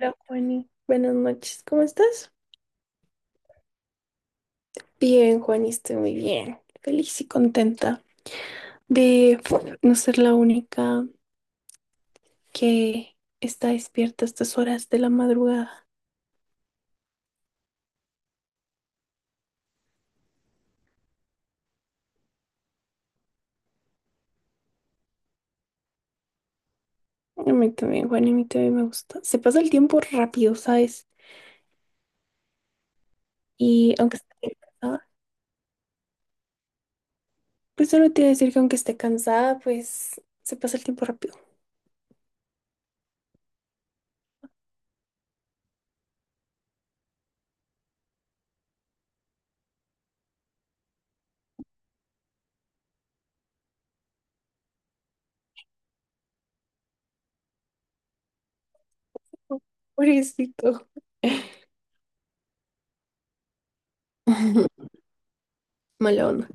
Hola, Juani. Buenas noches. ¿Cómo estás? Bien, Juani, estoy muy bien. Feliz y contenta de no ser la única que está despierta a estas horas de la madrugada. A mí también, Juani, a mí también me gusta. Se pasa el tiempo rápido, ¿sabes? Y aunque esté cansada, pues solo te voy a decir que aunque esté cansada, pues se pasa el tiempo rápido. Pobrecito. Mala onda.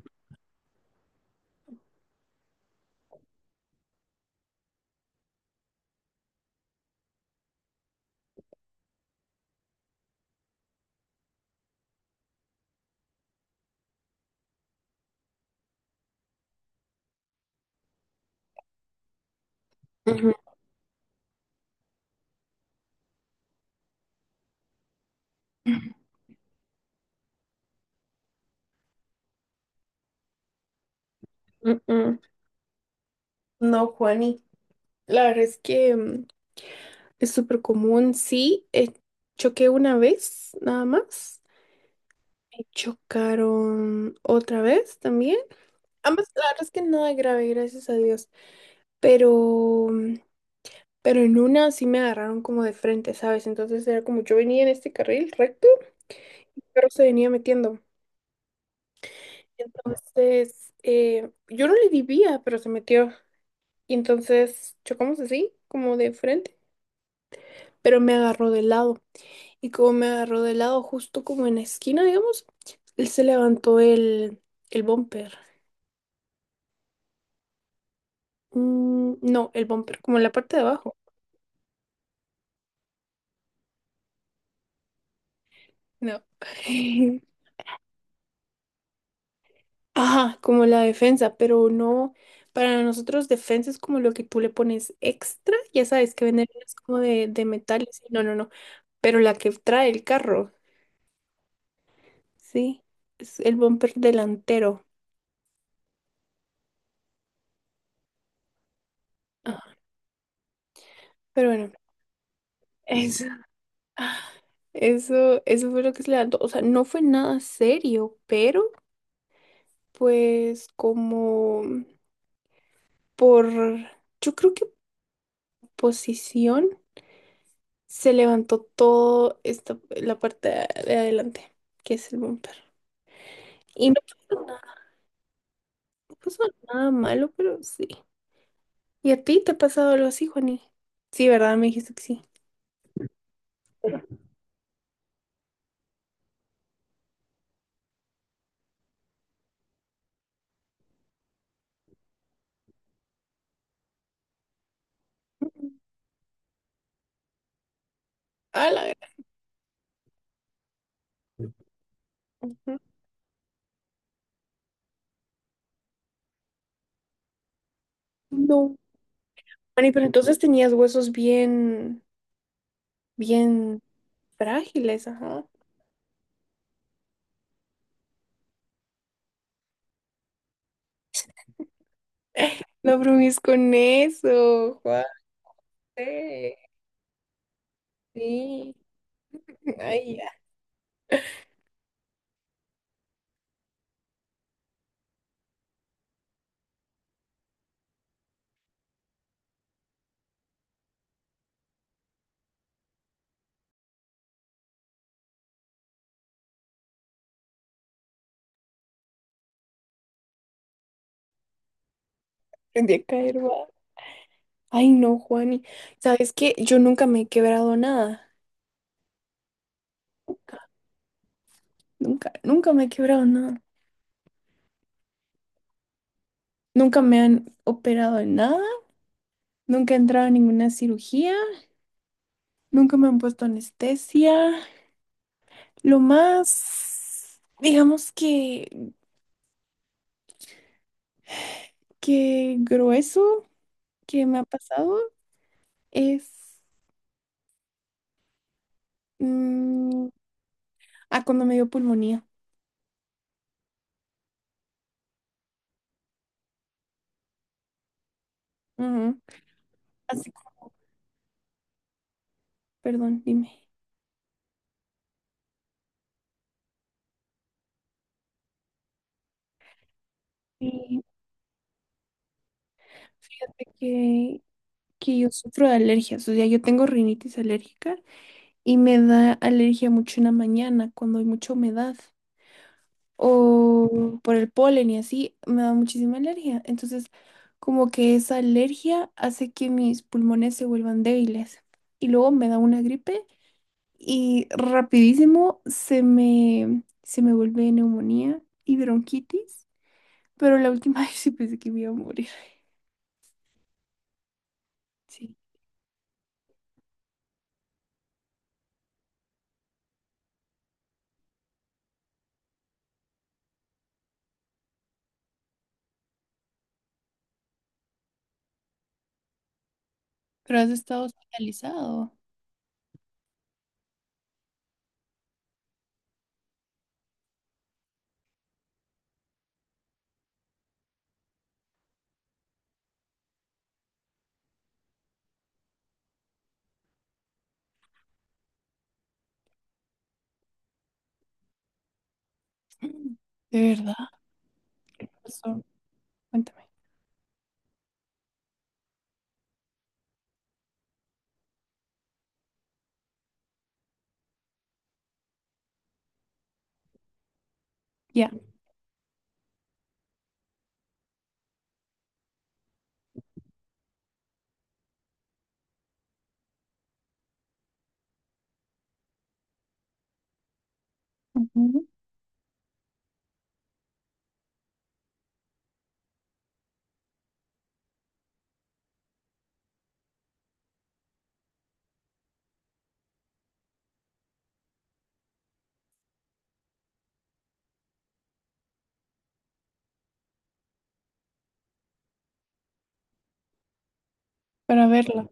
Ujú, mm, mm. No, Juani. La verdad es que es súper común, sí. Choqué una vez, nada más. Me chocaron otra vez también. Ambas, la verdad es que nada grave, gracias a Dios. Pero, pero en una sí me agarraron como de frente, ¿sabes? Entonces era como yo venía en este carril recto, pero se venía metiendo. Entonces, yo no le vivía, pero se metió. Y entonces chocamos así, como de frente, pero me agarró de lado. Y como me agarró de lado justo como en la esquina, digamos, él se levantó el bumper. Mm, no, el bumper, como la parte de abajo. No. Ajá, como la defensa, pero no. Para nosotros defensa es como lo que tú le pones extra, ya sabes que venden unas como de metal. Y así, no, no, no. Pero la que trae el carro, sí, es el bumper delantero. Ajá, pero bueno, eso. Eso fue lo que se levantó. O sea, no fue nada serio, pero pues como por, yo creo que posición se levantó todo esta, la parte de adelante, que es el bumper. Y no pasó nada malo, pero sí. ¿Y a ti te ha pasado algo así, Juani? Sí, ¿verdad? Me dijiste que sí. Ujú. A la gran- ujú. No. Juani, pero entonces tenías huesos bien, bien frágiles, ajá. No bromees con eso, Juan. Sí. Ay, aprendí a caer, va. Ay, no, Juani. ¿Sabes qué? Yo nunca me he quebrado nada. Nunca, nunca me he quebrado nada. Nunca me han operado en nada. Nunca he entrado en ninguna cirugía. Nunca me han puesto anestesia. Lo más, digamos que, grueso que me ha pasado es... mm, cuando me dio pulmonía. Ujú. Así como, perdón, dime. Y fíjate que yo sufro de alergias, o sea, yo tengo rinitis alérgica y me da alergia mucho en la mañana cuando hay mucha humedad o por el polen y así, me da muchísima alergia. Entonces, como que esa alergia hace que mis pulmones se vuelvan débiles y luego me da una gripe y rapidísimo se me vuelve neumonía y bronquitis, pero la última vez sí pensé que me iba a morir. Sí, pero has estado hospitalizado. De verdad. Cuéntame. Ya. Ujú. Para verla,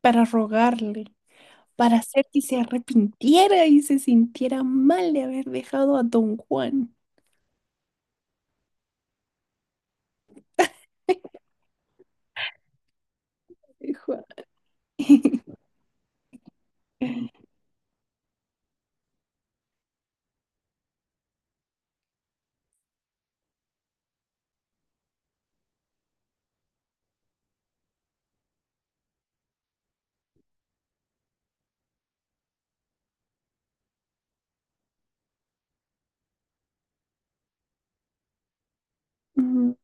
para rogarle, para hacer que se arrepintiera y se sintiera mal de haber dejado a Don Juan. Juan. Ujú.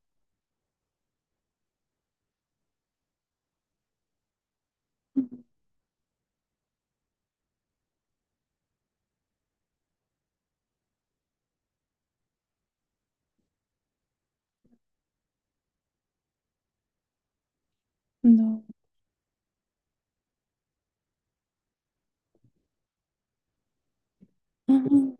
No. Ujú.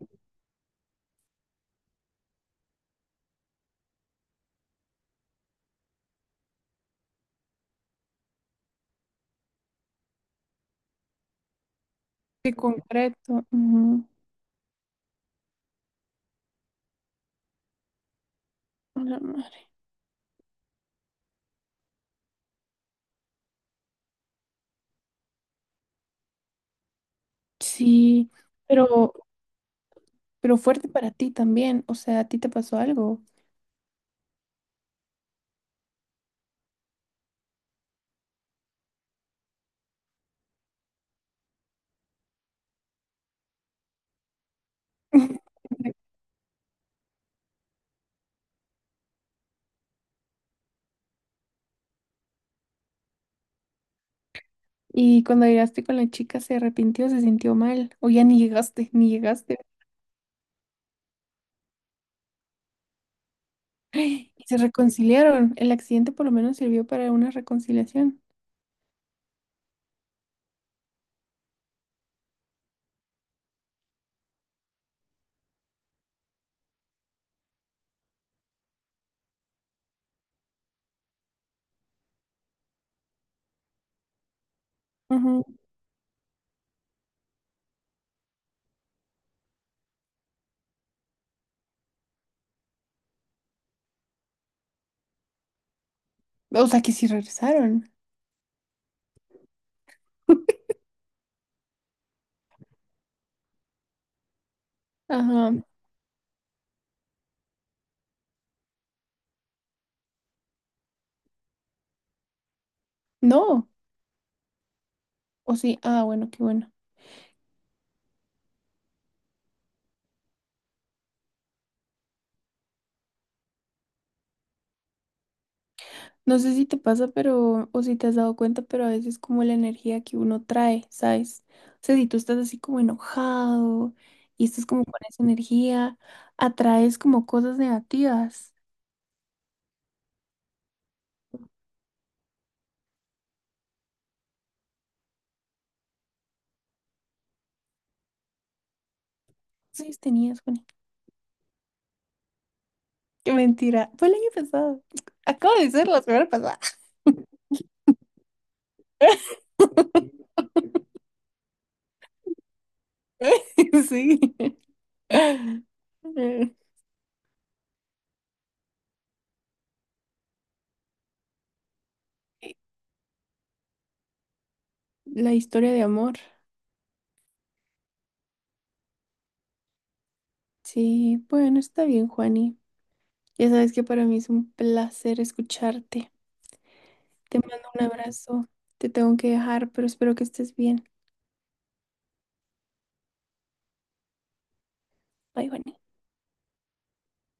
Qué concreto. Ujú. A la madre. Sí, pero, pero fuerte para ti también. O sea, a ti te pasó algo. Y cuando llegaste con la chica, ¿se arrepintió, se sintió mal? ¿O ya ni llegaste, ni llegaste? Y se reconciliaron. El accidente por lo menos sirvió para una reconciliación. Ujú. O sea que sí regresaron. Ajá. No. O sí. Ah, bueno, qué bueno. No sé si te pasa, pero, o si te has dado cuenta, pero a veces como la energía que uno trae, ¿sabes? O sea, si tú estás así como enojado y estás como con esa energía, atraes como cosas negativas. Sí, tenías, Juani. Qué mentira. Fue el año pasado. Acabo de ser la semana pasada. Sí. La historia de amor. Sí, bueno, está bien, Juani. Ya sabes que para mí es un placer escucharte. Te mando un abrazo. Te tengo que dejar, pero espero que estés bien. Bye, Juani.